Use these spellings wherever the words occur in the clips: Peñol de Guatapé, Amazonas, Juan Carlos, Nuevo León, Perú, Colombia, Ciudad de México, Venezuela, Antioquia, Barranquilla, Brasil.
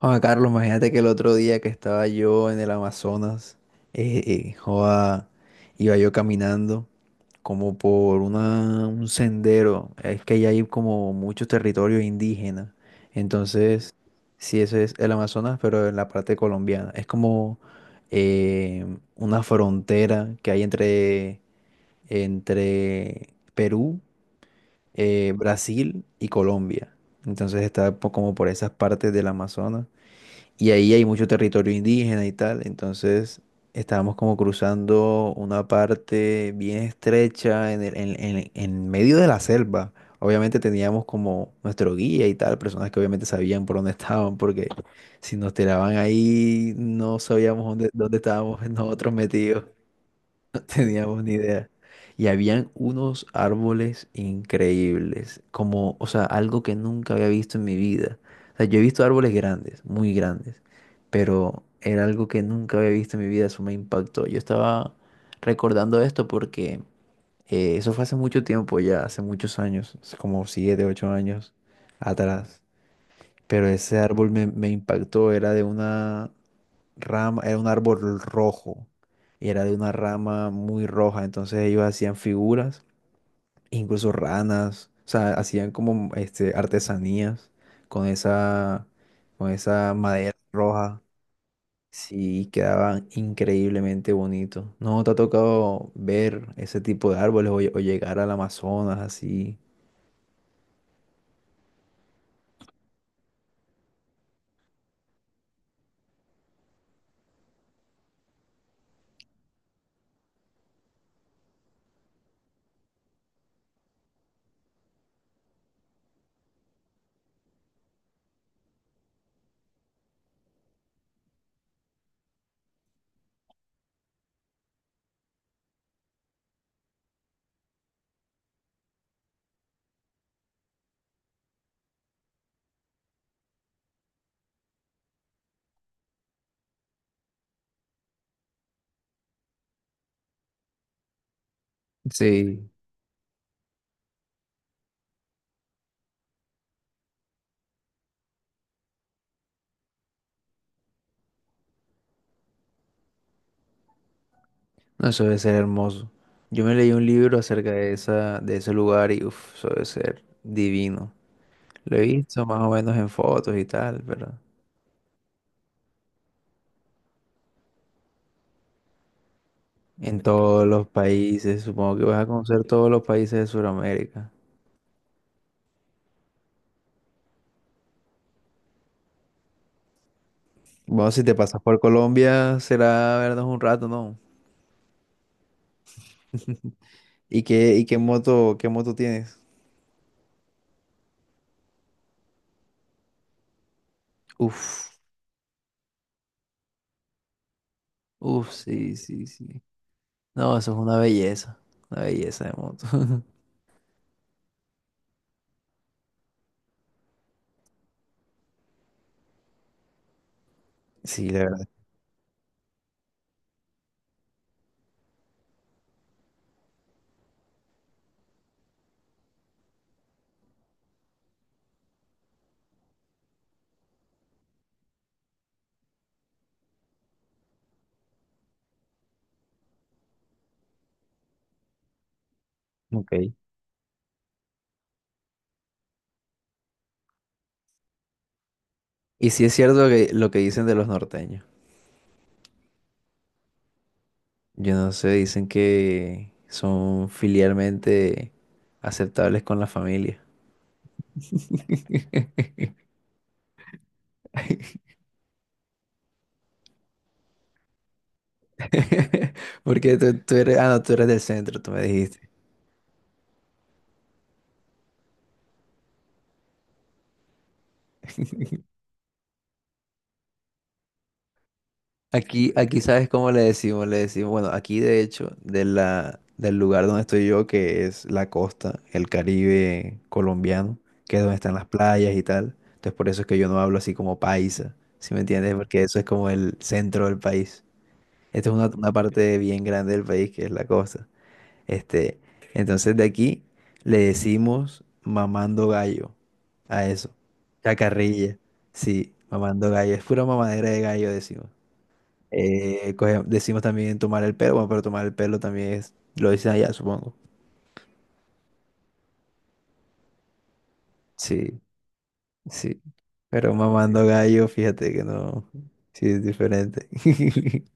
Juan Carlos, imagínate que el otro día que estaba yo en el Amazonas, eh, eh, joda, iba yo caminando como por un sendero. Es que allá hay como muchos territorios indígenas. Entonces, sí, eso es el Amazonas, pero en la parte colombiana. Es como eh, una frontera que hay entre Perú, Brasil y Colombia. Entonces como por esas partes del Amazonas. Y ahí hay mucho territorio indígena y tal. Entonces estábamos como cruzando una parte bien estrecha en, el- en medio de la selva. Obviamente teníamos como nuestro guía y tal, personas que obviamente sabían por dónde estaban, porque si nos tiraban ahí no sabíamos dónde estábamos nosotros metidos teníamos ni idea. Y habían unos árboles increíbles, como, o sea, algo que nunca había visto en mi vida. O sea, yo he visto árboles grandes, muy grandes, pero era algo que nunca había visto en mi vida, eso me impactó. Yo estaba recordando esto porque eso fue hace mucho tiempo ya, hace muchos años, hace como 7, 8 años atrás. Pero ese árbol me impactó, era de una rama, era un árbol rojo y era de una rama muy roja, entonces ellos hacían figuras, incluso ranas, o sea, hacían artesanías con esa, con esa madera roja, sí, quedaban increíblemente bonitos. ¿No te ha tocado ver ese tipo de árboles o llegar al Amazonas así? Sí, no, eso debe ser hermoso. Yo me leí un libro acerca de de ese lugar y uf, eso debe ser divino. Lo he visto más o menos en fotos y tal, pero en todos los países, supongo que vas a conocer todos los países de Sudamérica. Bueno, si te pasas por Colombia, será vernos un rato, ¿no? ¿Y qué moto tienes? Uf, uf, sí, sí, sí. No, eso es una belleza de moto. Sí, la verdad. Ok. Y sí es cierto que lo que dicen de los norteños. Yo no sé, dicen que son filialmente aceptables con la familia. Porque tú eres, ah, no, tú eres del centro, tú me dijiste. Aquí sabes cómo le decimos, bueno, aquí de hecho, del lugar donde estoy yo, que es la costa, el Caribe colombiano, que es donde están las playas y tal. Entonces por eso es que yo no hablo así como paisa, ¿sí me entiendes? Porque eso es como el centro del país. Esta es una parte bien grande del país, que es la costa. Este, entonces de aquí le decimos mamando gallo a eso. Chacarrilla. Sí, mamando gallo. Es pura mamadera de gallo, decimos. Decimos también tomar el pelo, bueno, pero tomar el pelo también es, lo dicen allá, supongo. Sí, sí. Pero mamando gallo, fíjate que no. Sí, es diferente.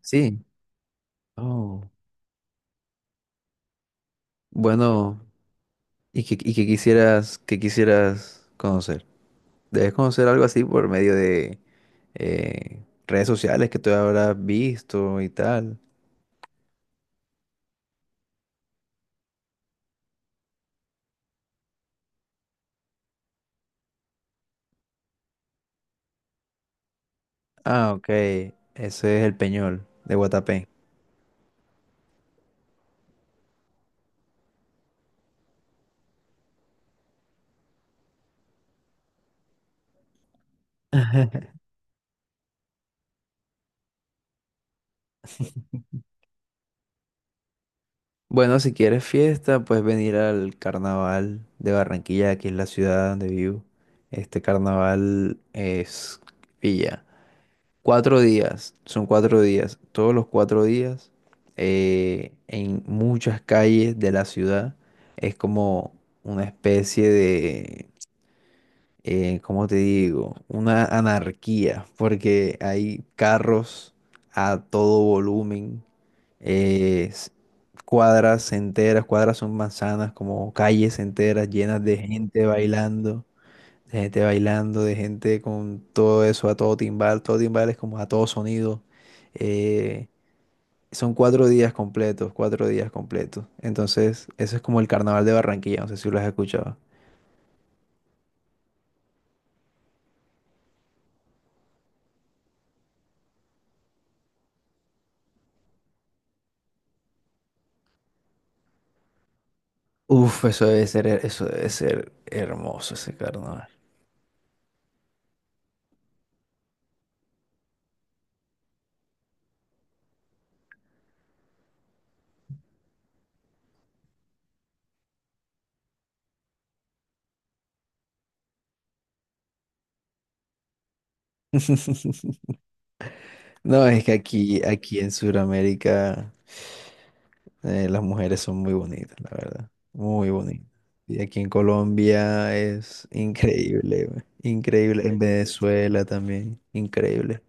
Sí. Oh. Bueno, ¿y qué quisieras conocer? Debes conocer algo así por medio de eh, redes sociales que tú habrás visto y tal. Ah, ok. Ese es el Peñol de Guatapé. Bueno, si quieres fiesta, puedes venir al carnaval de Barranquilla, que es la ciudad donde vivo. Este carnaval es Villa. 4 días, son 4 días. Todos los 4 días, en muchas calles de la ciudad, es como una especie de ¿cómo te digo? Una anarquía, porque hay carros a todo volumen, eh, s- cuadras enteras, cuadras son manzanas, como calles enteras llenas de gente bailando, de gente bailando, de gente con todo eso a todo timbal es como a todo sonido. eh, son 4 días completos, 4 días completos. Entonces, eso es como el carnaval de Barranquilla, no sé si lo has escuchado. Uf, eso debe ser hermoso ese carnaval. No, es que aquí en Sudamérica las mujeres son muy bonitas, la verdad. Muy bonitas. Y aquí en Colombia es increíble, güey, increíble. En Venezuela también, increíble.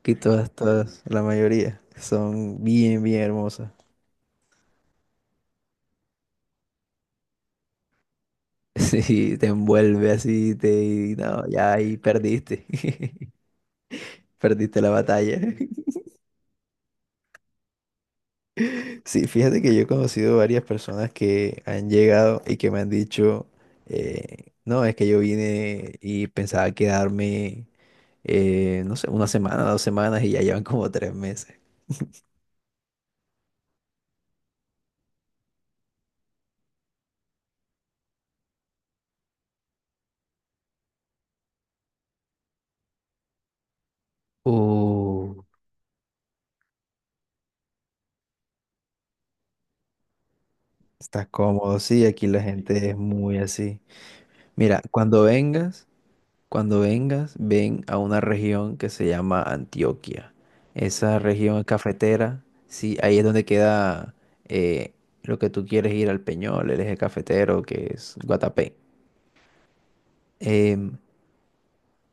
Aquí todas, la mayoría son bien, bien hermosas. Sí, te envuelve así, te... y no, ya ahí perdiste. Perdiste la batalla. Sí, fíjate que yo he conocido varias personas que han llegado y que me han dicho, no, es que yo vine y pensaba quedarme, no sé, una semana, 2 semanas y ya llevan como 3 meses. Uh, estás cómodo, sí, aquí la gente es muy así. Mira, cuando vengas, cuando vengas, ven a una región que se llama Antioquia. Esa región es cafetera. Sí, ahí es donde queda eh, lo que tú quieres ir al Peñol, el eje cafetero, que es Guatapé. Em,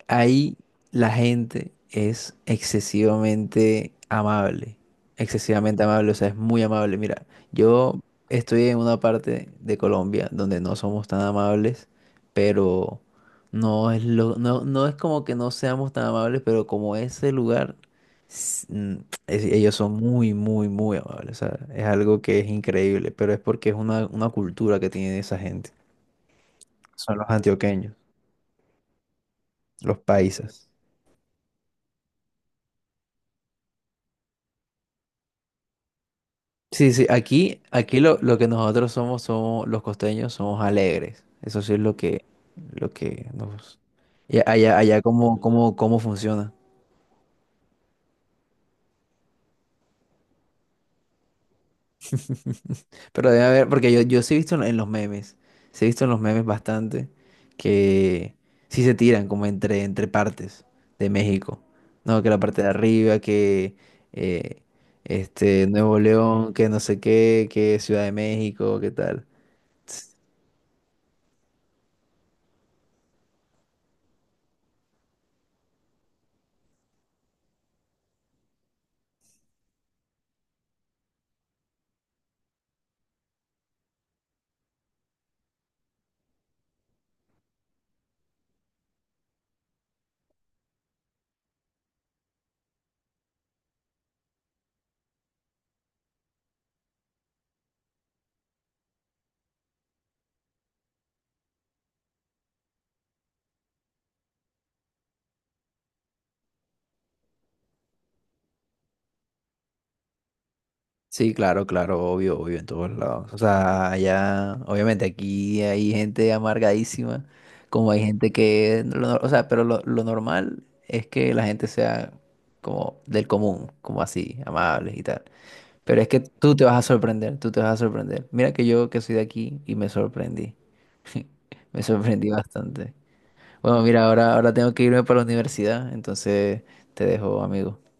ahí la gente es excesivamente amable, o sea, es muy amable. Mira, yo estoy en una parte de Colombia donde no somos tan amables, pero no es lo, no, no es como que no seamos tan amables, pero como ese lugar, s- mm, ellos son muy, muy, muy amables. O sea, es algo que es increíble, pero es porque es una cultura que tiene esa gente. Son los antioqueños, los paisas. Sí, sí, lo que nosotros somos, somos los costeños, somos alegres. Eso sí es lo que nos... y allá, cómo funciona. Pero debe haber, porque yo sí he visto en los memes, sí he visto en los memes bastante que sí se tiran como entre partes de México. No, que la parte de arriba, que eh, este Nuevo León, que no sé qué, que Ciudad de México, qué tal. Sí, claro, claro, obvio, obvio, en todos lados. O sea, allá, obviamente aquí hay gente amargadísima, como hay gente que, lo nor- o sea, pero lo normal es que la gente sea como del común, como así, amables y tal. Pero es que tú te vas a sorprender, tú te vas a sorprender. Mira que yo que soy de aquí y me sorprendí. Me sorprendí bastante. Bueno, mira, ahora tengo que irme para la universidad, entonces te dejo, amigo.